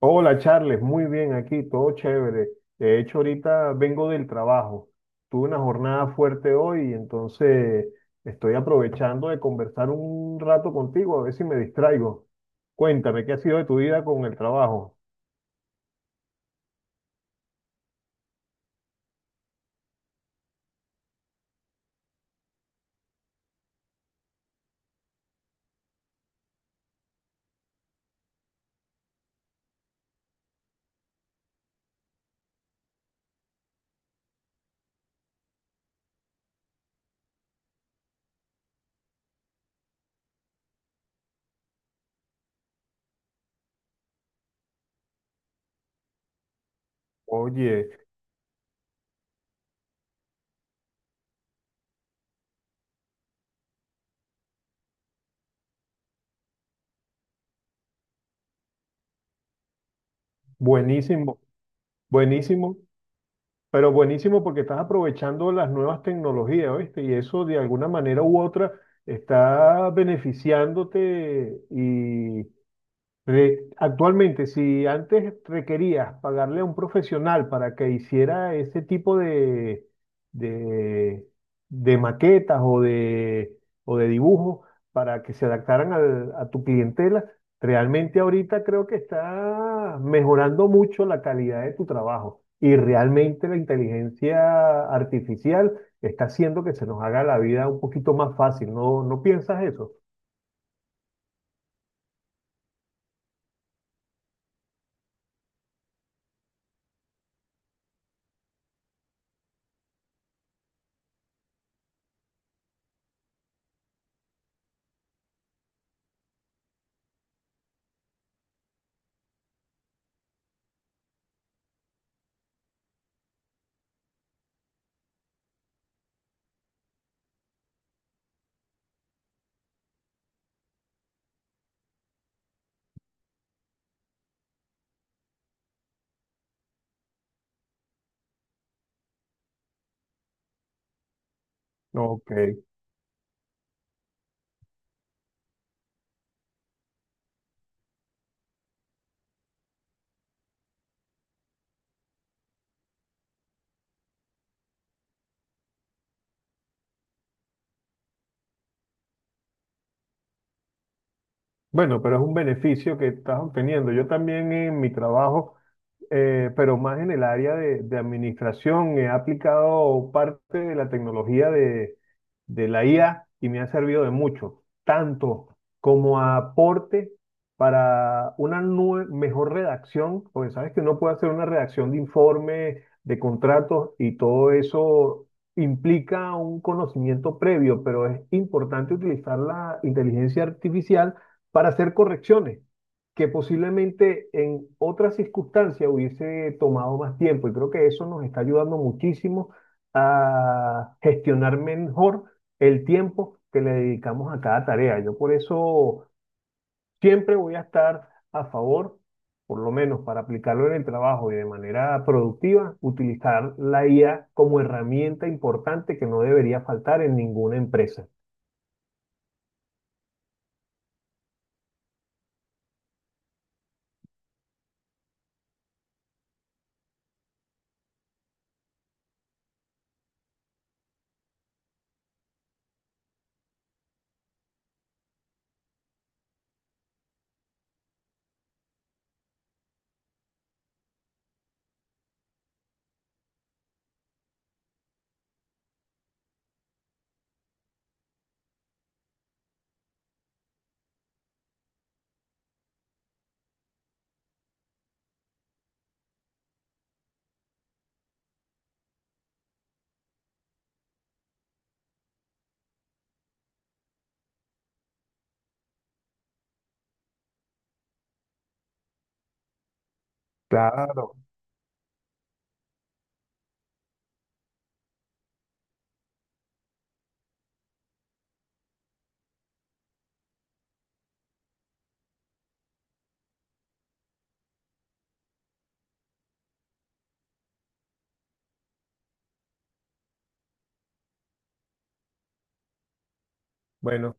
Hola Charles, muy bien aquí, todo chévere. De hecho, ahorita vengo del trabajo. Tuve una jornada fuerte hoy, entonces estoy aprovechando de conversar un rato contigo, a ver si me distraigo. Cuéntame, ¿qué ha sido de tu vida con el trabajo? Oye, buenísimo, buenísimo, pero buenísimo porque estás aprovechando las nuevas tecnologías, ¿oíste? Y eso de alguna manera u otra está beneficiándote y, actualmente, si antes requerías pagarle a un profesional para que hiciera ese tipo de, de maquetas o de dibujos para que se adaptaran a tu clientela, realmente ahorita creo que está mejorando mucho la calidad de tu trabajo y realmente la inteligencia artificial está haciendo que se nos haga la vida un poquito más fácil. ¿No, no piensas eso? Ok. Bueno, pero es un beneficio que estás obteniendo. Yo también en mi trabajo pero más en el área de administración. He aplicado parte de la tecnología de la IA y me ha servido de mucho, tanto como aporte para una mejor redacción, porque sabes que uno puede hacer una redacción de informes, de contratos y todo eso implica un conocimiento previo, pero es importante utilizar la inteligencia artificial para hacer correcciones que posiblemente en otras circunstancias hubiese tomado más tiempo. Y creo que eso nos está ayudando muchísimo a gestionar mejor el tiempo que le dedicamos a cada tarea. Yo por eso siempre voy a estar a favor, por lo menos para aplicarlo en el trabajo y de manera productiva, utilizar la IA como herramienta importante que no debería faltar en ninguna empresa. Claro. Bueno,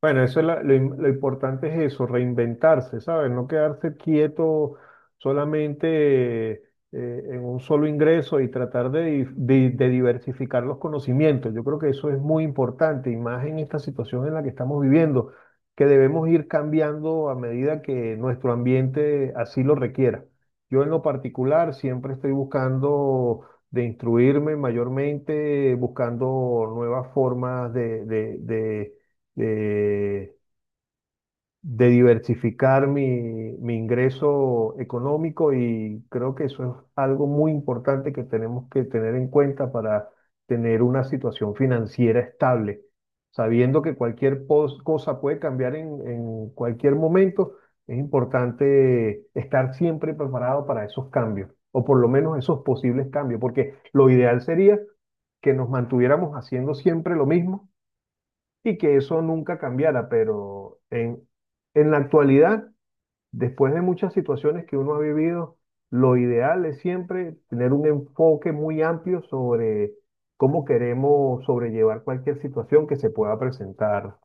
Bueno, eso es lo importante es eso, reinventarse, ¿sabes? No quedarse quieto solamente, en un solo ingreso y tratar de, de diversificar los conocimientos. Yo creo que eso es muy importante y más en esta situación en la que estamos viviendo, que debemos ir cambiando a medida que nuestro ambiente así lo requiera. Yo en lo particular siempre estoy buscando de instruirme mayormente, buscando nuevas formas de, de diversificar mi ingreso económico y creo que eso es algo muy importante que tenemos que tener en cuenta para tener una situación financiera estable, sabiendo que cualquier cosa puede cambiar en cualquier momento. Es importante estar siempre preparado para esos cambios, o por lo menos esos posibles cambios, porque lo ideal sería que nos mantuviéramos haciendo siempre lo mismo y que eso nunca cambiara, pero en la actualidad, después de muchas situaciones que uno ha vivido, lo ideal es siempre tener un enfoque muy amplio sobre cómo queremos sobrellevar cualquier situación que se pueda presentar,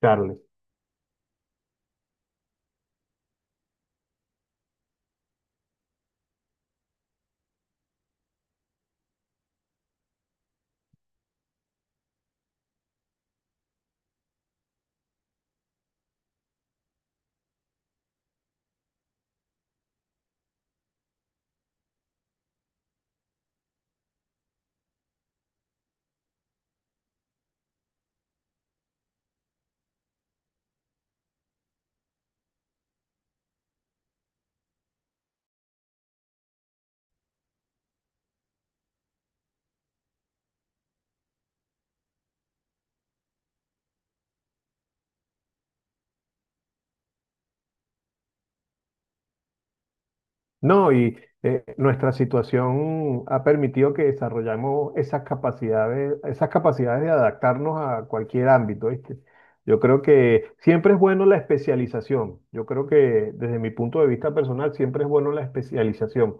Charles. No, y nuestra situación ha permitido que desarrollamos esas capacidades de adaptarnos a cualquier ámbito, ¿viste? Yo creo que siempre es bueno la especialización. Yo creo que desde mi punto de vista personal siempre es bueno la especialización,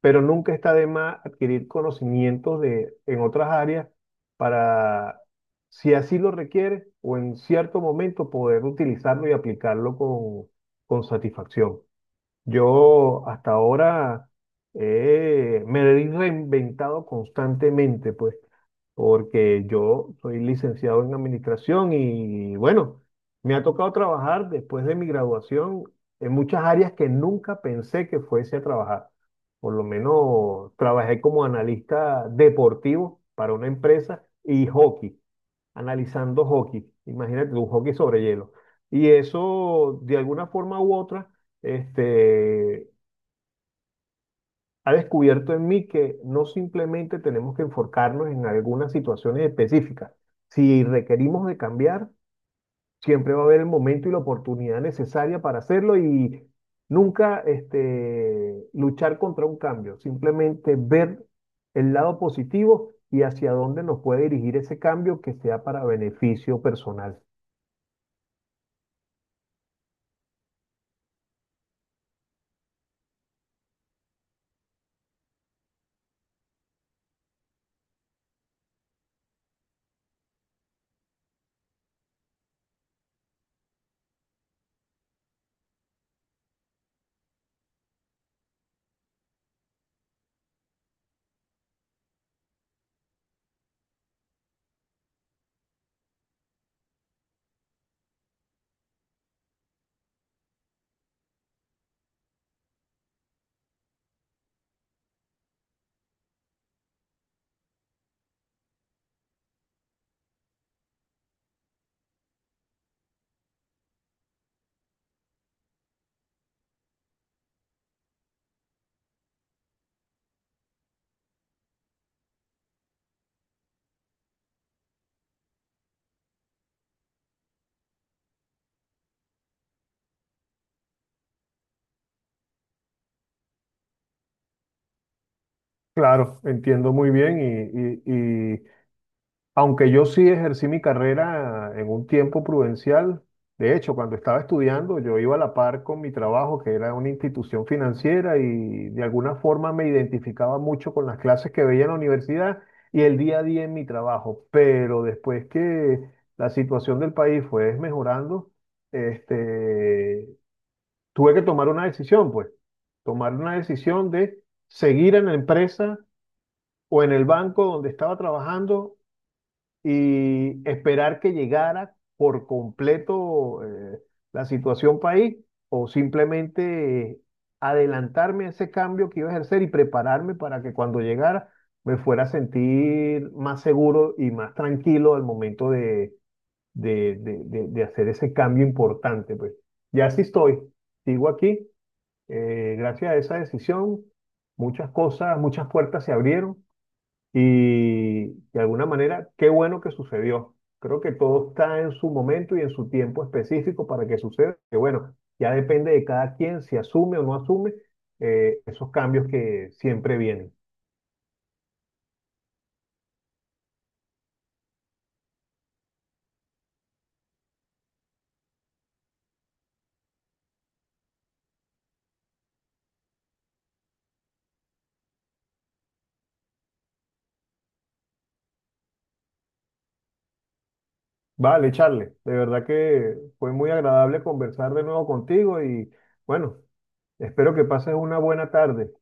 pero nunca está de más adquirir conocimientos de en otras áreas para, si así lo requiere o en cierto momento poder utilizarlo y aplicarlo con satisfacción. Yo hasta ahora, me he reinventado constantemente, pues, porque yo soy licenciado en administración y bueno, me ha tocado trabajar después de mi graduación en muchas áreas que nunca pensé que fuese a trabajar. Por lo menos trabajé como analista deportivo para una empresa y hockey analizando hockey. Imagínate un hockey sobre hielo. Y eso, de alguna forma u otra, este, ha descubierto en mí que no simplemente tenemos que enfocarnos en algunas situaciones específicas. Si requerimos de cambiar, siempre va a haber el momento y la oportunidad necesaria para hacerlo y nunca luchar contra un cambio, simplemente ver el lado positivo y hacia dónde nos puede dirigir ese cambio que sea para beneficio personal. Claro, entiendo muy bien y aunque yo sí ejercí mi carrera en un tiempo prudencial, de hecho, cuando estaba estudiando yo iba a la par con mi trabajo, que era una institución financiera y de alguna forma me identificaba mucho con las clases que veía en la universidad y el día a día en mi trabajo, pero después que la situación del país fue mejorando, este, tuve que tomar una decisión, pues, tomar una decisión de seguir en la empresa o en el banco donde estaba trabajando y esperar que llegara por completo, la situación país o simplemente, adelantarme a ese cambio que iba a ejercer y prepararme para que cuando llegara me fuera a sentir más seguro y más tranquilo al momento de hacer ese cambio importante, pues. Ya sí estoy, sigo aquí, gracias a esa decisión, muchas cosas, muchas puertas se abrieron y de alguna manera, qué bueno que sucedió. Creo que todo está en su momento y en su tiempo específico para que suceda. Que bueno, ya depende de cada quien si asume o no asume, esos cambios que siempre vienen. Vale, Charles, de verdad que fue muy agradable conversar de nuevo contigo y bueno, espero que pases una buena tarde.